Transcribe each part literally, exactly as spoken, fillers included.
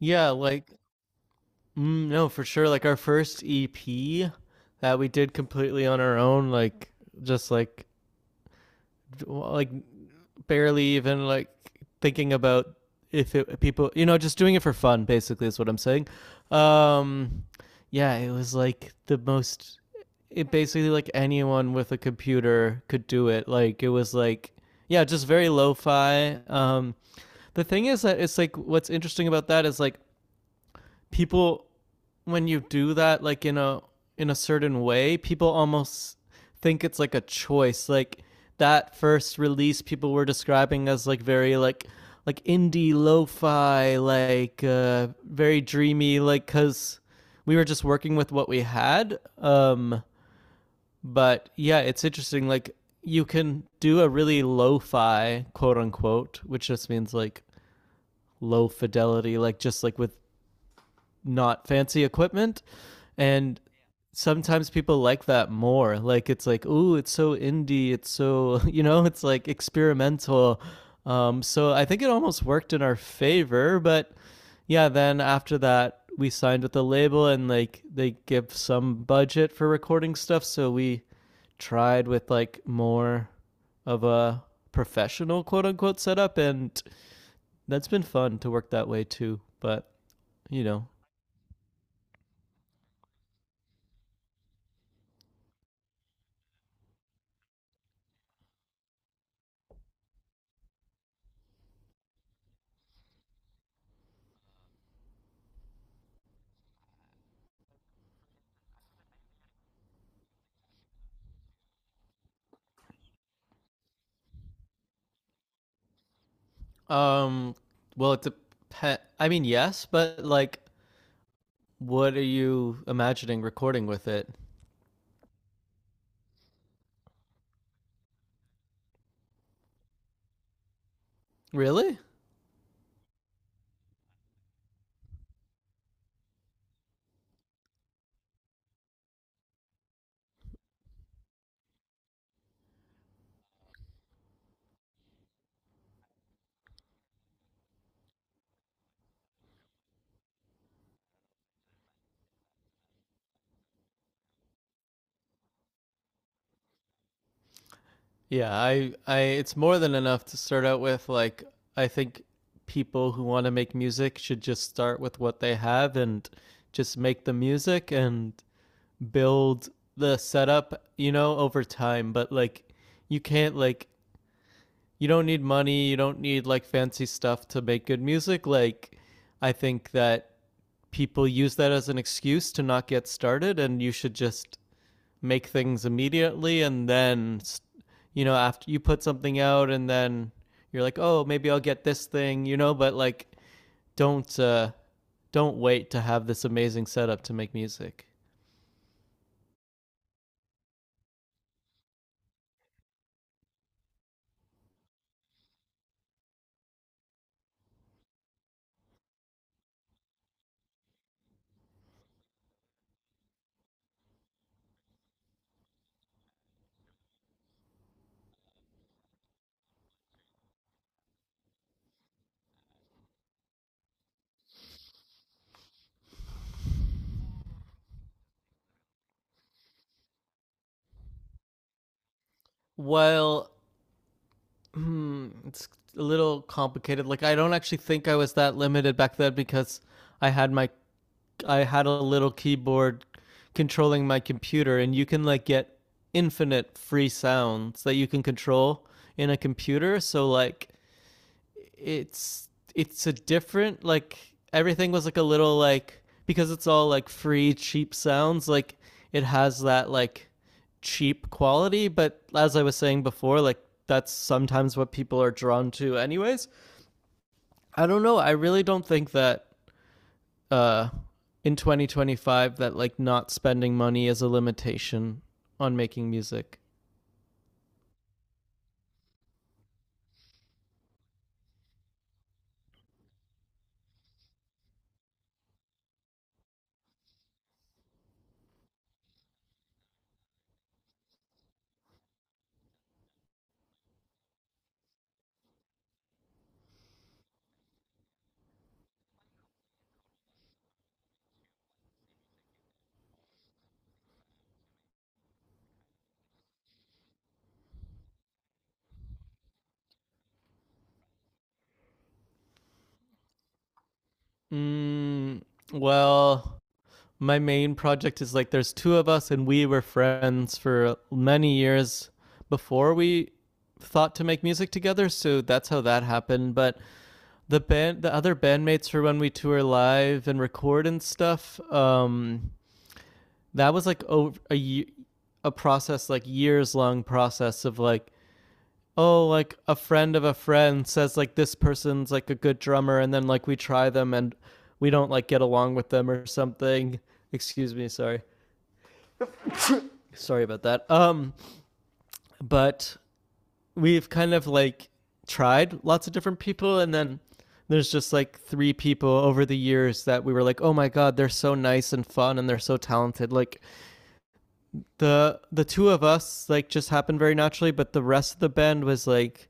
Yeah, like, mm, no, for sure. Like our first E P that we did completely on our own, like just like d- like barely even like thinking about if it, people, you know, just doing it for fun. Basically, is what I'm saying. Um, yeah, it was like the most. It basically like anyone with a computer could do it. Like it was like yeah, just very lo-fi. Um, the thing is that it's like what's interesting about that is like people when you do that like in a in a certain way, people almost think it's like a choice. Like that first release people were describing as like very like like indie lo-fi like uh very dreamy like cuz we were just working with what we had. Um but yeah, it's interesting like you can do a really lo-fi quote unquote, which just means like low fidelity like just like with not fancy equipment, and sometimes people like that more. Like it's like, "Ooh, it's so indie, it's so, you know, it's like experimental." Um so I think it almost worked in our favor, but yeah, then after that we signed with the label and like they give some budget for recording stuff, so we tried with like more of a professional quote unquote setup, and that's been fun to work that way too, but you know. Um well, it's a pet. I mean, yes, but like what are you imagining recording with it? Really? Yeah, I I it's more than enough to start out with. Like I think people who want to make music should just start with what they have and just make the music and build the setup, you know, over time, but like you can't like you don't need money, you don't need like fancy stuff to make good music. Like I think that people use that as an excuse to not get started, and you should just make things immediately, and then you know after you put something out and then you're like, oh, maybe I'll get this thing, you know, but like don't uh don't wait to have this amazing setup to make music. Well, hmm, it's a little complicated. Like I don't actually think I was that limited back then because i had my I had a little keyboard controlling my computer, and you can like get infinite free sounds that you can control in a computer. So like it's it's a different like everything was like a little like because it's all like free cheap sounds, like it has that like cheap quality, but as I was saying before, like that's sometimes what people are drawn to anyways. I don't know, I really don't think that uh in twenty twenty-five that like not spending money is a limitation on making music. mm, well, my main project is like there's two of us, and we were friends for many years before we thought to make music together, so that's how that happened. But the band, the other bandmates, for when we tour live and record and stuff, um that was like over a a process, like years long process of like, oh, like a friend of a friend says like this person's like a good drummer, and then like we try them and we don't like get along with them or something. Excuse me, sorry. Sorry about that. Um, but we've kind of like tried lots of different people, and then there's just like three people over the years that we were like, oh my God, they're so nice and fun, and they're so talented. Like the the two of us like just happened very naturally, but the rest of the band was like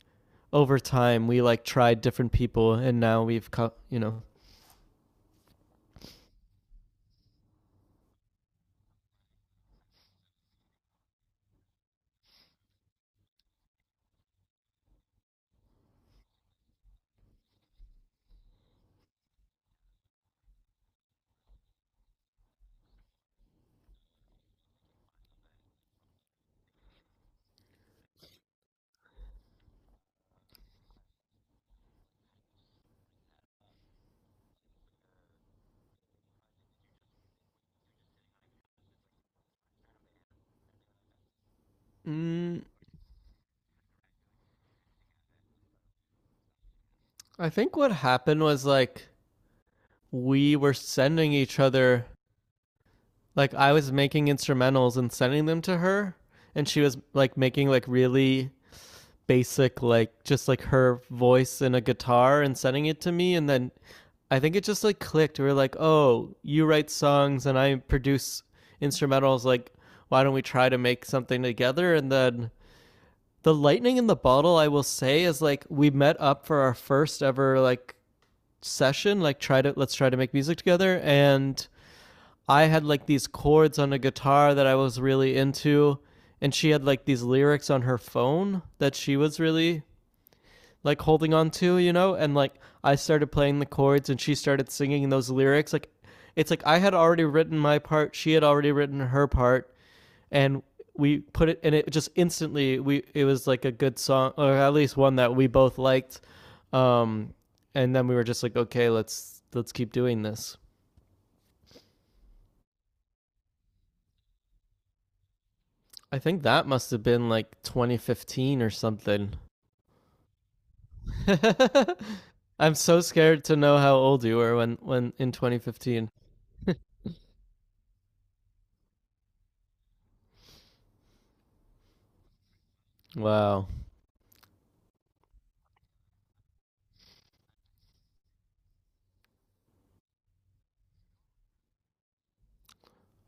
over time we like tried different people, and now we've co- you know. Mm, I think what happened was like we were sending each other like I was making instrumentals and sending them to her, and she was like making like really basic like just like her voice and a guitar and sending it to me, and then I think it just like clicked. We were like, "Oh, you write songs and I produce instrumentals, like why don't we try to make something together?" And then the lightning in the bottle, I will say, is like we met up for our first ever like session, like try to, let's try to make music together, and I had like these chords on a guitar that I was really into, and she had like these lyrics on her phone that she was really like holding on to, you know? And like I started playing the chords and she started singing those lyrics. Like it's like I had already written my part, she had already written her part, and we put it and it just instantly we it was like a good song, or at least one that we both liked. um and then we were just like, okay, let's let's keep doing this. I think that must have been like twenty fifteen or something. I'm so scared to know how old you were when, when in twenty fifteen. Wow.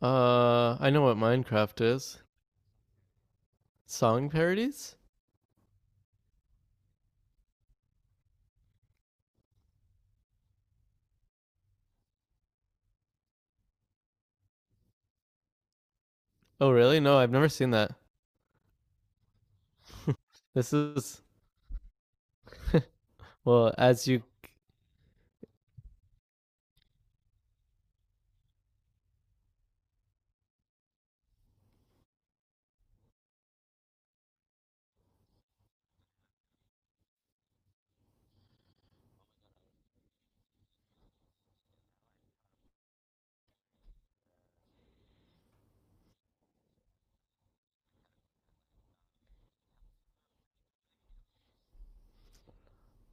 Uh, I know what Minecraft is. Song parodies? Oh, really? No, I've never seen that. This is well, as you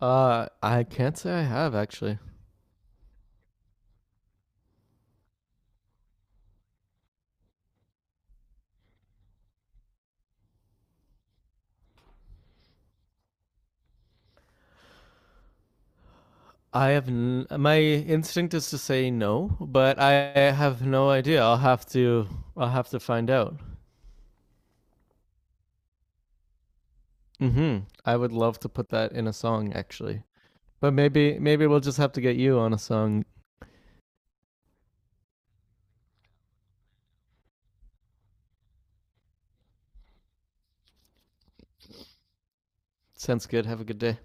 uh, I can't say I have actually. I have n- my instinct is to say no, but I have no idea. I'll have to I'll have to find out. Mhm. I would love to put that in a song actually. But maybe maybe we'll just have to get you on a song. Sounds good. Have a good day.